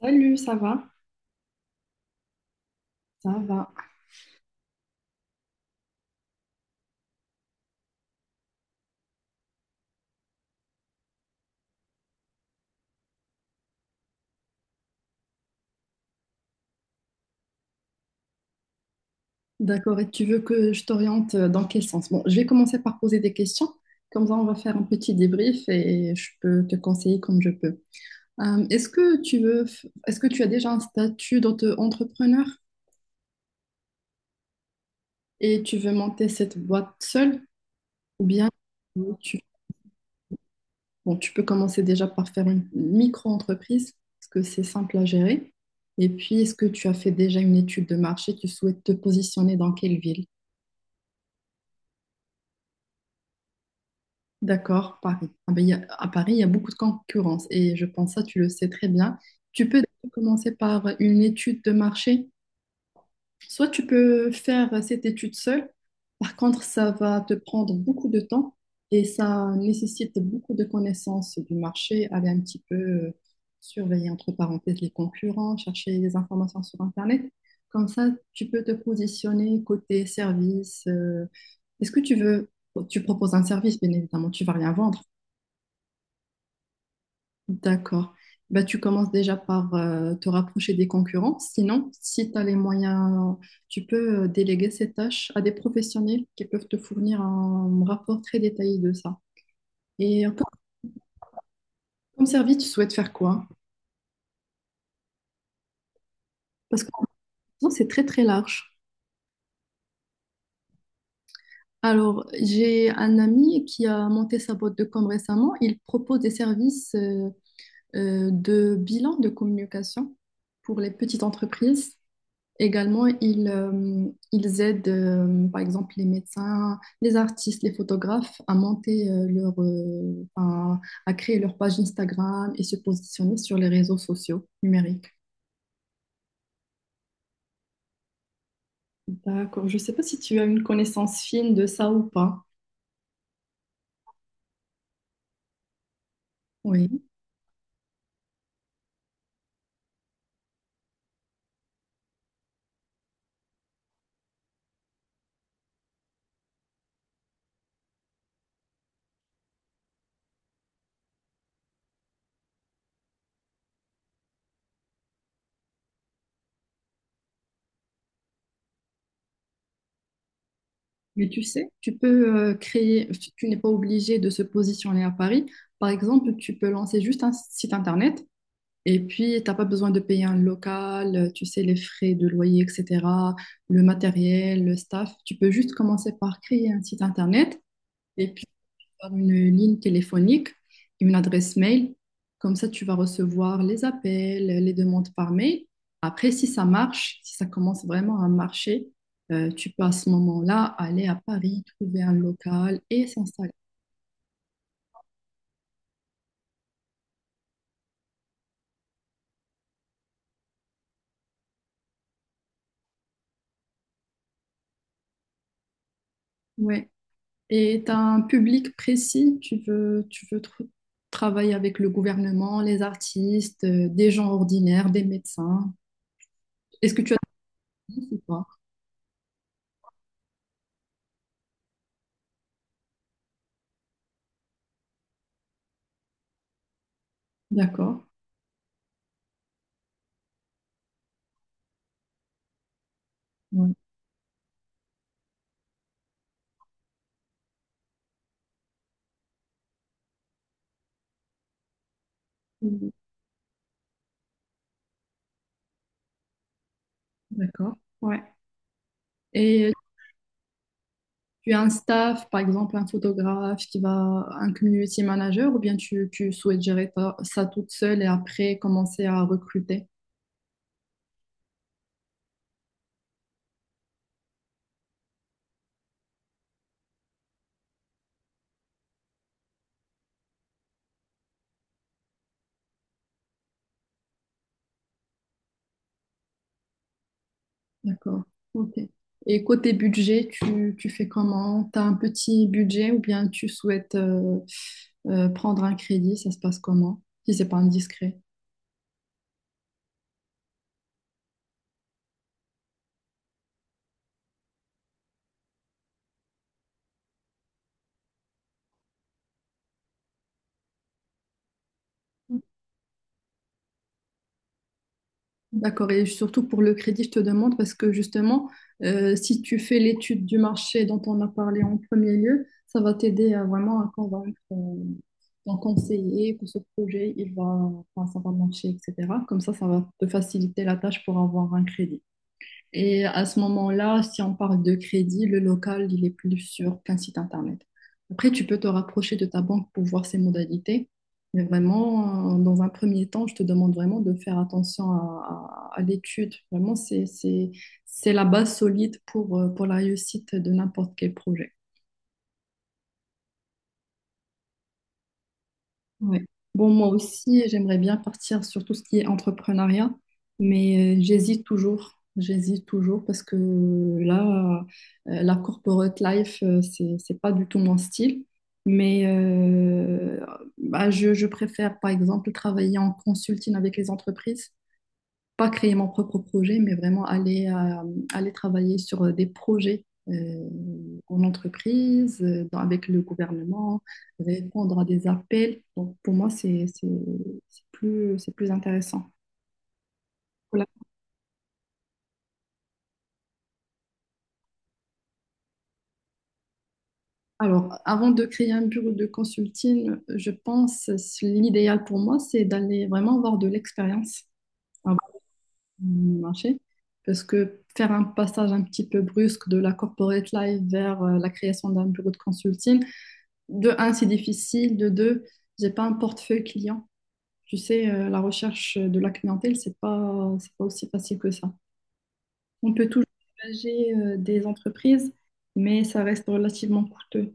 Salut, ça va? Ça va. D'accord, et tu veux que je t'oriente dans quel sens? Bon, je vais commencer par poser des questions, comme ça on va faire un petit débrief et je peux te conseiller comme je peux. Est-ce que tu veux, est-ce que tu as déjà un statut d'auto-entrepreneur et tu veux monter cette boîte seule ou bien tu, bon, tu peux commencer déjà par faire une micro-entreprise parce que c'est simple à gérer. Et puis, est-ce que tu as fait déjà une étude de marché? Tu souhaites te positionner dans quelle ville? D'accord, Paris. Ah ben, à Paris, il y a beaucoup de concurrence et je pense ça, tu le sais très bien. Tu peux commencer par une étude de marché. Soit tu peux faire cette étude seule. Par contre, ça va te prendre beaucoup de temps et ça nécessite beaucoup de connaissances du marché. Aller un petit peu surveiller entre parenthèses les concurrents, chercher des informations sur Internet. Comme ça, tu peux te positionner côté service. Est-ce que tu veux, tu proposes un service, bien évidemment, tu vas rien vendre. D'accord. Bah, tu commences déjà par te rapprocher des concurrents. Sinon, si tu as les moyens, tu peux déléguer ces tâches à des professionnels qui peuvent te fournir un rapport très détaillé de ça. Et comme, comme service, tu souhaites faire quoi? Parce qu'en même temps, c'est très très large. Alors, j'ai un ami qui a monté sa boîte de com récemment. Il propose des services de bilan de communication pour les petites entreprises. Également, ils, ils aident, par exemple, les médecins, les artistes, les photographes à monter leur, à créer leur page Instagram et se positionner sur les réseaux sociaux numériques. D'accord. Je ne sais pas si tu as une connaissance fine de ça ou pas. Oui, mais tu sais, tu peux créer, tu n'es pas obligé de se positionner à Paris. Par exemple, tu peux lancer juste un site internet. Et puis, t'as pas besoin de payer un local, tu sais, les frais de loyer, etc., le matériel, le staff. Tu peux juste commencer par créer un site internet et puis avoir une ligne téléphonique, une adresse mail. Comme ça, tu vas recevoir les appels, les demandes par mail. Après, si ça marche, si ça commence vraiment à marcher, tu peux à ce moment-là aller à Paris, trouver un local et s'installer. Ouais. Et tu as un public précis, tu veux, tu veux travailler avec le gouvernement, les artistes, des gens ordinaires, des médecins. Est-ce que tu as des idées ou pas? D'accord. Ouais. D'accord. Ouais. Et tu as un staff, par exemple un photographe qui va, un community manager, ou bien tu, tu souhaites gérer ça toute seule et après commencer à recruter? D'accord. Ok. Et côté budget, tu fais comment? Tu as un petit budget ou bien tu souhaites prendre un crédit? Ça se passe comment? Si c'est pas indiscret. D'accord. Et surtout pour le crédit, je te demande parce que justement, si tu fais l'étude du marché dont on a parlé en premier lieu, ça va t'aider à vraiment à convaincre ton conseiller que ce projet, il va, enfin, ça va marcher, etc. Comme ça va te faciliter la tâche pour avoir un crédit. Et à ce moment-là, si on parle de crédit, le local, il est plus sur qu'un site internet. Après, tu peux te rapprocher de ta banque pour voir ses modalités. Mais vraiment, dans un premier temps, je te demande vraiment de faire attention à l'étude. Vraiment, c'est la base solide pour la réussite de n'importe quel projet. Ouais. Bon, moi aussi, j'aimerais bien partir sur tout ce qui est entrepreneuriat, mais j'hésite toujours. J'hésite toujours parce que là, la corporate life, c'est pas du tout mon style. Mais bah, je préfère, par exemple, travailler en consulting avec les entreprises pas créer mon propre projet, mais vraiment aller, aller travailler sur des projets en entreprise, avec le gouvernement, répondre à des appels. Donc, pour moi, c'est plus intéressant. Voilà. Alors, avant de créer un bureau de consulting, je pense l'idéal pour moi, c'est d'aller vraiment avoir de l'expérience avant de marché. Parce que faire un passage un petit peu brusque de la corporate life vers la création d'un bureau de consulting, de un, c'est difficile. De deux, j'ai pas un portefeuille client. Tu sais, la recherche de la clientèle, c'est pas aussi facile que ça. On peut toujours engager des entreprises, mais ça reste relativement coûteux.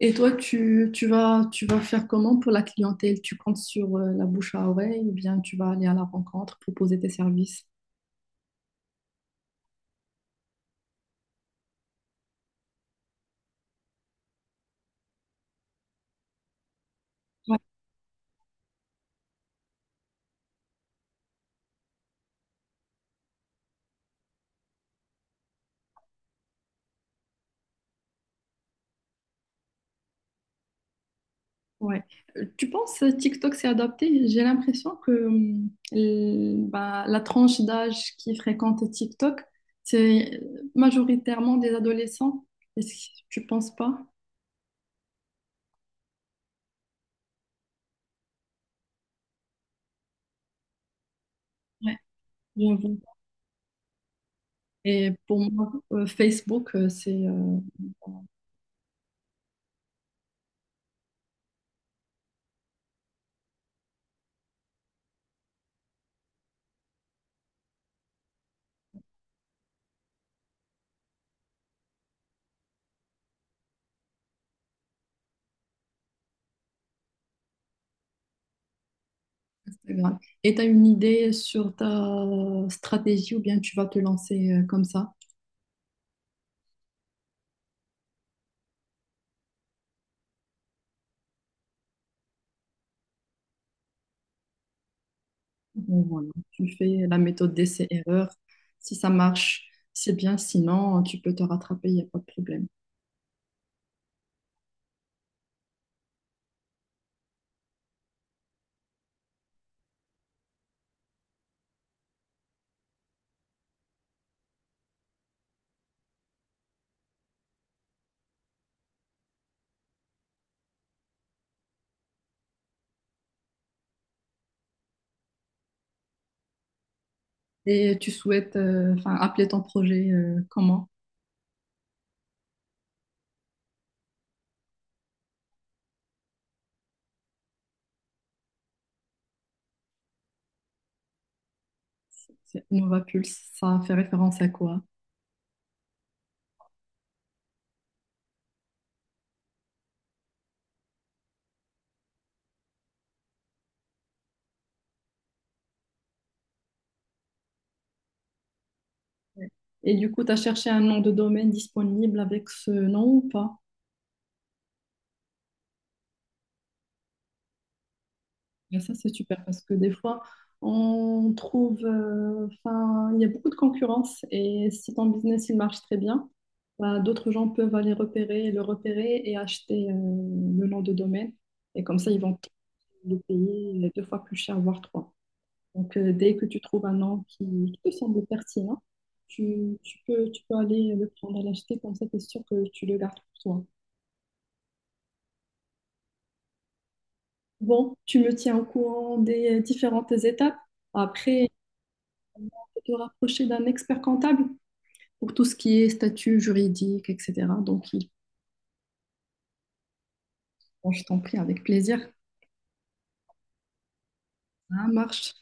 Et toi, tu, tu vas faire comment pour la clientèle? Tu comptes sur la bouche à oreille ou bien tu vas aller à la rencontre, proposer tes services? Ouais. Tu penses TikTok s'est adapté? J'ai l'impression que bah, la tranche d'âge qui fréquente TikTok, c'est majoritairement des adolescents. Est-ce que tu penses pas? Ouais, j'avoue. Et pour moi, Facebook, c'est Instagram. Et tu as une idée sur ta stratégie ou bien tu vas te lancer comme ça? Bon, voilà. Tu fais la méthode d'essai-erreur. Si ça marche, c'est bien. Sinon, tu peux te rattraper, il n'y a pas de problème. Et tu souhaites enfin, appeler ton projet comment? C'est Innova Pulse, ça fait référence à quoi? Ouais. Et du coup, tu as cherché un nom de domaine disponible avec ce nom ou pas? Et ça, c'est super parce que des fois, on trouve, enfin, il y a beaucoup de concurrence et si ton business il marche très bien, bah, d'autres gens peuvent aller repérer, le repérer et acheter le nom de domaine. Et comme ça, ils vont le payer deux fois plus cher, voire trois. Donc, dès que tu trouves un nom qui te semble pertinent, tu, tu peux aller le prendre à l'acheter, comme ça, tu es sûr que tu le gardes pour toi. Bon, tu me tiens au courant des différentes étapes. Après, on peut te rapprocher d'un expert comptable pour tout ce qui est statut juridique, etc. Donc, bon, je t'en prie avec plaisir. Ça marche.